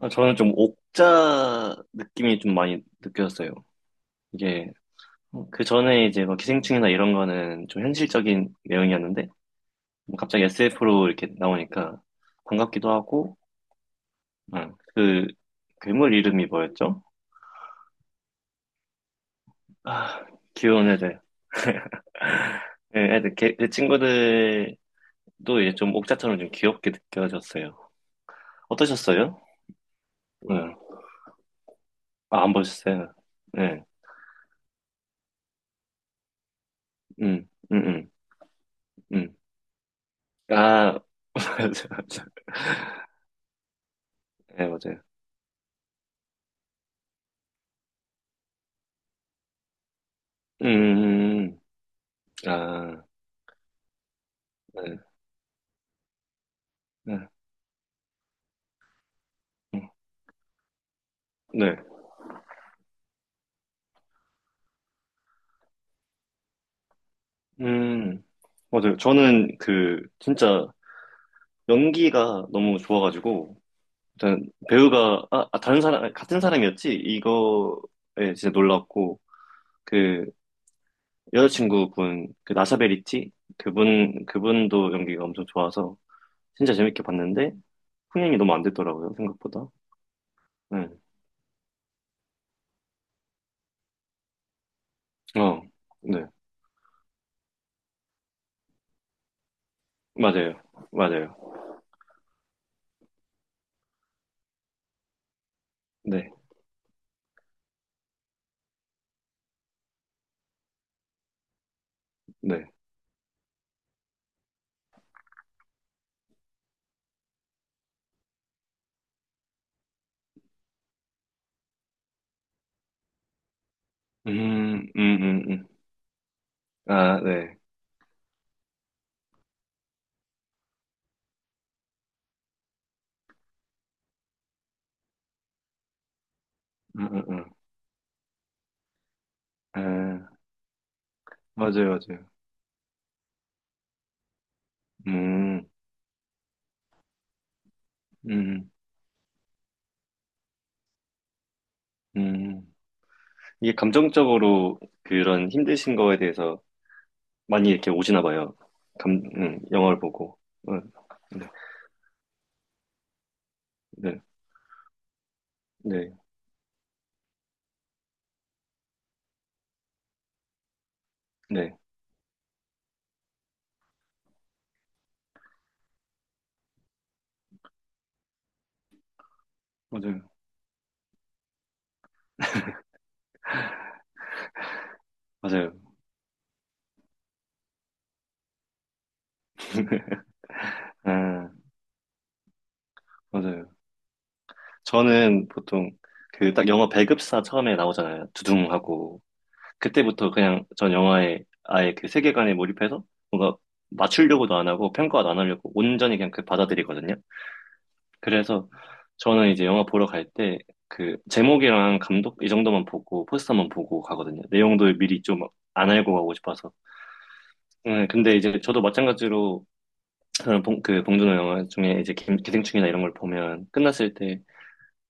아, 저는 좀 옥자 느낌이 좀 많이 느껴졌어요. 이게 그 전에 이제 뭐 기생충이나 이런 거는 좀 현실적인 내용이었는데 뭐 갑자기 SF로 이렇게 나오니까 반갑기도 하고 응. 그 괴물 이름이 뭐였죠? 아, 귀여운 애들. 예, 애들 그 친구들도 이제 좀 옥자처럼 좀 귀엽게 느껴졌어요. 어떠셨어요? 응. 아, 안 보셨어요? 네. 음, 음, 음, 음. 아, 맞아, 맞아. 네, 맞아요. 음, 음, 음, 음. 아, 네, 네, 음, 네. 음, 맞아요. 저는 그, 진짜 연기가 너무 좋아가지고, 일단 배우가, 아, 아, 다른 사람, 같은 사람이었지? 이거에 진짜 놀랐고, 그, 여자친구분, 그, 나샤베리티? 그분, 그분도 연기가 엄청 좋아서, 진짜 재밌게 봤는데, 흥행이 너무 안 됐더라고요, 생각보다. 네, 어, 네. 맞아요. 맞아요. 네, 네. 음, 음, 음, 음. 아, 네. 음, 음, 음. 에, 맞아요, 맞아요. 음, 음, 음. 이게 감정적으로 그런 힘드신 거에 대해서 많이 이렇게 오시나 봐요. 감, 영화를 보고. 어, 네, 네, 네, 네. 맞아요, 맞아요. 아, 맞아요. 저는 보통 그 딱 영화 배급사 처음에 나오잖아요. 두둥하고. 그때부터 그냥 전 영화에 아예 그 세계관에 몰입해서 뭔가 맞추려고도 안 하고 평가도 안 하려고 온전히 그냥 그 받아들이거든요. 그래서 저는 이제 영화 보러 갈 때 그 제목이랑 감독 이 정도만 보고 포스터만 보고 가거든요. 내용도 미리 좀 안 알고 가고 싶어서. 네, 근데 이제 저도 마찬가지로 저는 봉, 그 봉준호 영화 중에 이제 기생충이나 이런 걸 보면 끝났을 때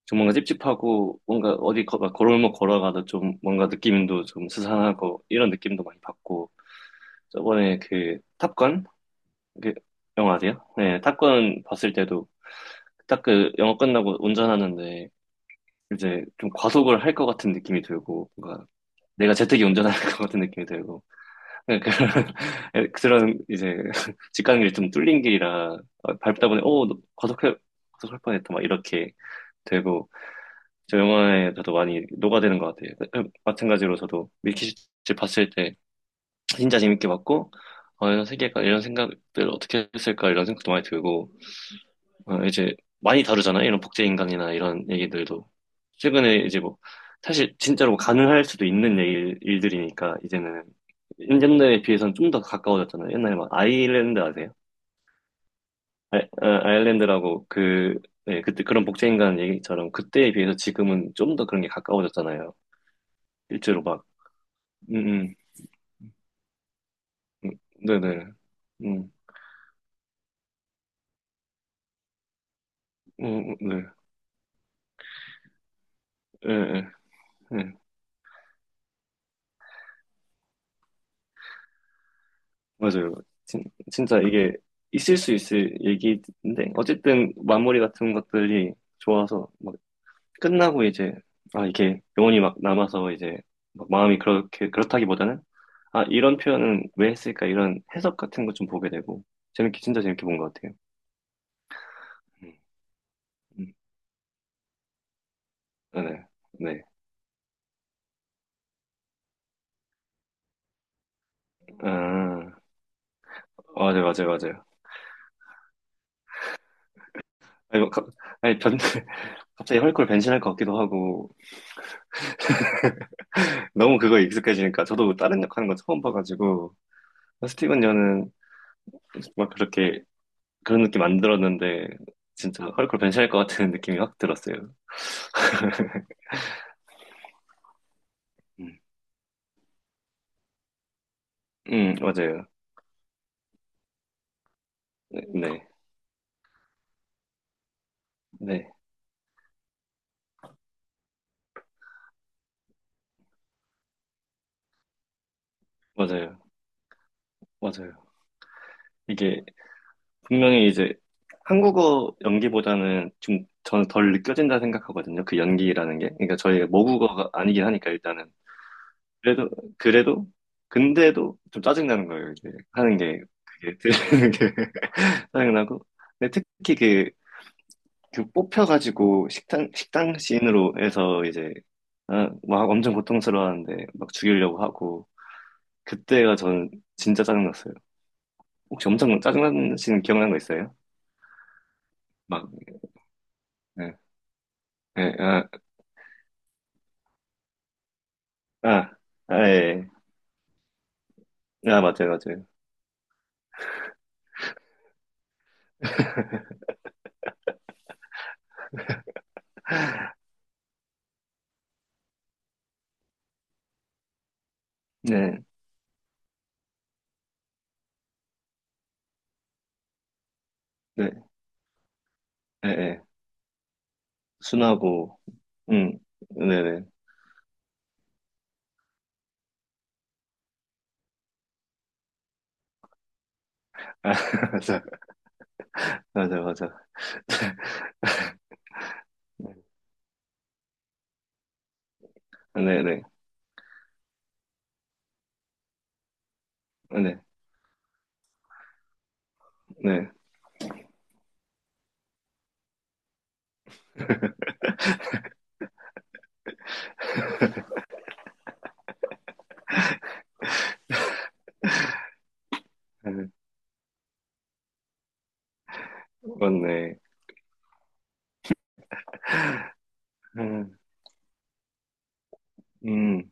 좀 뭔가 찝찝하고 뭔가 어디 거, 막 걸어올목 걸어가도 좀 뭔가 느낌도 좀 스산하고 이런 느낌도 많이 받고 저번에 그 탑건 그 영화 아세요? 네, 탑건 봤을 때도 딱 그 영화 끝나고 운전하는데 이제 좀 과속을 할 것 같은 느낌이 들고, 뭔가 내가 제트기 운전할 것 같은 느낌이 들고, 그런, 그런 이제 집 가는 길이 좀 뚫린 길이라 어, 밟다 보니, 어, 너 과속해, 과속할 뻔했다, 막 이렇게 되고, 저 영화에 저도 많이 녹아드는 것 같아요. 그- 마찬가지로 저도 밀키트 봤을 때 진짜 재밌게 봤고, 어, 이런 세계가, 이런 생각들 어떻게 했을까, 이런 생각도 많이 들고, 어, 이제 많이 다루잖아요. 이런 복제인간이나 이런 얘기들도. 최근에 이제 뭐, 사실 진짜로 가능할 수도 있는 일, 일들이니까, 이제는. 옛날에 비해서는 좀 더 가까워졌잖아요. 옛날에 막 아일랜드 아세요? 아, 아, 아일랜드라고 그, 네, 그때 그런 복제인간 얘기처럼 그때에 비해서 지금은 좀 더 그런 게 가까워졌잖아요. 실제로 막, 음, 음, 음, 네네. 음, 네, 예, 예, 예. 맞아요. 진, 진짜 이게 있을 수 있을 얘기인데, 어쨌든 마무리 같은 것들이 좋아서, 막 끝나고 이제, 아, 이게 영혼이 막 남아서 이제, 막 마음이 그렇게, 그렇다기보다는, 아, 이런 표현은 왜 했을까, 이런 해석 같은 거 좀 보게 되고, 재밌게, 진짜 재밌게 본 것 같아요. 음, 음. 아, 네, 네. 아, 맞아요, 맞아요, 맞아요. 아니, 뭐, 갑- 아니, 변, 갑자기 헐크로 변신할 것 같기도 하고, 너무 그거에 익숙해지니까, 저도 다른 역할 하는 거 처음 봐가지고, 스티븐 여는 막 그렇게 그런 느낌 안 들었는데 진짜 헐크 변신할 것 같은 느낌이 확 들었어요. 음, 맞아요. 네, 네, 맞아요, 맞아요. 이게 분명히 이제 한국어 연기보다는 좀 저는 덜 느껴진다 생각하거든요. 그 연기라는 게. 그러니까 저희가 모국어가 아니긴 하니까 일단은 그래도 그래도 근데도 좀 짜증 나는 거예요. 이제 하는 게 그게 들리는 게 짜증 나고. 근데 특히 그 뽑혀가지고 식당 씬으로 해서 이제 아, 막 엄청 고통스러워하는데 막 죽이려고 하고 그때가 저는 진짜 짜증났어요. 혹시 엄청 짜증나시는 기억나는 거 있어요? 막 예, 예, 아, 아, 아, 예, 예. 아, 맞아요, 맞아요. 네, 네, 예, 예. 순하고, 음, 네, 네. 아, 맞아, 맞아, 맞아. 네, 네, 네, 네, 네. 맞네. 음, 음.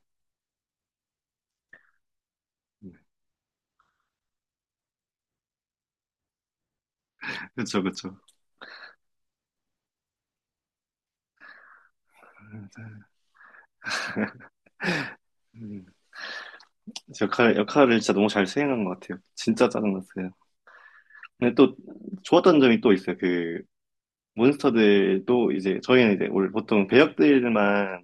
그쵸, 그쵸. 역할, 역할을 진짜 너무 잘 수행한 것 같아요. 진짜 짜증났어요. 근데 또 좋았던 점이 또 있어요. 그 몬스터들도 이제 저희는 이제 원래 보통 배역들만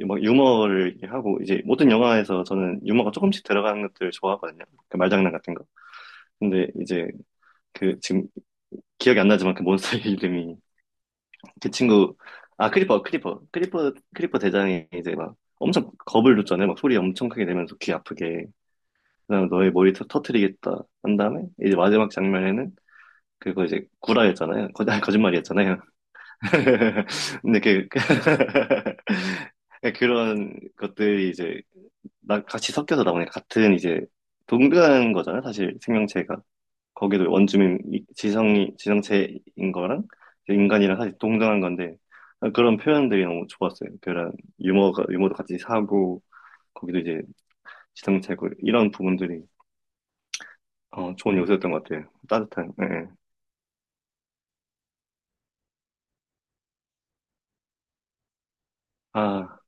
막 유머를 이렇게 하고 이제 모든 영화에서 저는 유머가 조금씩 들어가는 것들을 좋아하거든요. 그 말장난 같은 거. 근데 이제 그 지금 기억이 안 나지만 그 몬스터의 이름이 그 친구 아 크리퍼 크리퍼 크리퍼 크리퍼 대장이 이제 막 엄청 겁을 줬잖아요. 막 소리 엄청 크게 내면서 귀 아프게. 그다너의 머리 터트리겠다 한 다음에 이제 마지막 장면에는 그거 이제 구라였잖아요. 거, 아니, 거짓말이었잖아요. 근데 그 그런 것들이 이제 나 같이 섞여서 나오니까 같은 이제 동그란 거잖아요. 사실 생명체가 거기도 원주민 지성이 지성체인 거랑 인간이랑 사실 동등한 건데 그런 표현들이 너무 좋았어요. 그런 유머가 유머도 같이 사고 거기도 이제 지성체고 이런 부분들이 어, 좋은 요소였던 것 같아요. 따뜻한, 예. 예. 아,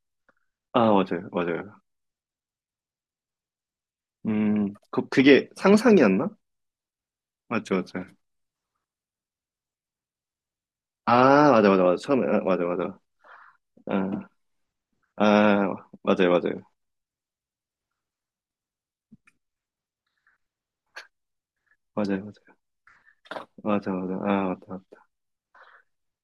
아, 맞아요, 맞아요. 그, 그게 상상이었나? 맞죠, 맞죠. 아, 맞아, 맞아, 맞아. 처음에, 아, 맞아, 맞아. 아, 아, 맞아요, 맞아요. 맞아요, 맞아요. 맞아, 맞아. 아, 맞다.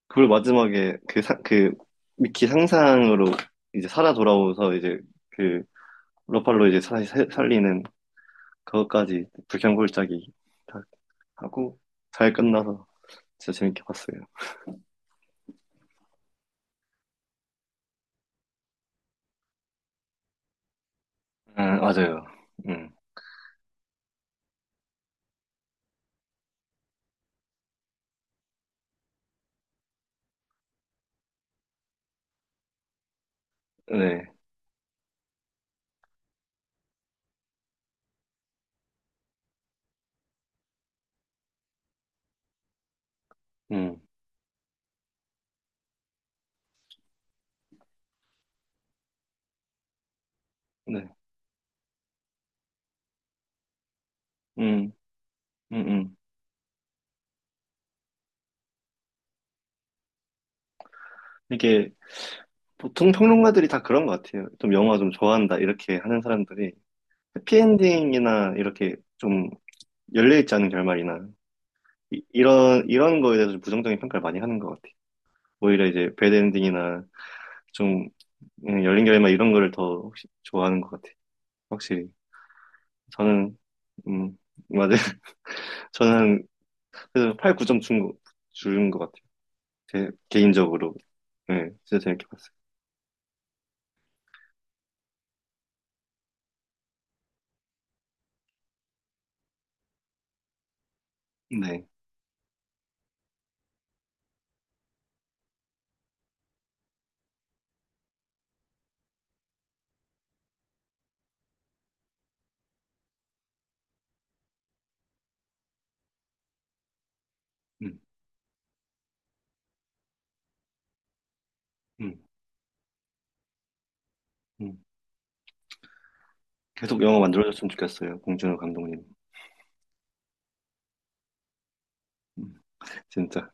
그걸 마지막에 그 사, 그, 미키 상상으로 이제 살아 돌아오서 이제 그, 로팔로 이제 다시 살리는 그것까지 불경골짜기 다 하고 잘 끝나서 진짜 재밌게 봤어요. 아, 맞아요. 음, 네. 음. 네. 음, 음, 음. 이게 보통 평론가들이 다 그런 것 같아요. 좀 영화 좀 좋아한다, 이렇게 하는 사람들이 해피엔딩이나 이렇게 좀 열려있지 않은 결말이나 이, 런 이런 거에 대해서 좀 부정적인 평가를 많이 하는 것 같아요. 오히려 이제 배드엔딩이나 좀 열린 결말 이런 거를 더 혹시 좋아하는 것 같아요. 확실히. 저는, 음, 맞아요. 저는 그래서 8, 9점 준 거, 준것 같아요. 제, 개인적으로. 네, 진짜 재밌게 봤어요. 네. 음, 음, 음. 계속 영화 만들어줬으면 좋겠어요. 봉준호 감독님. 음, 진짜.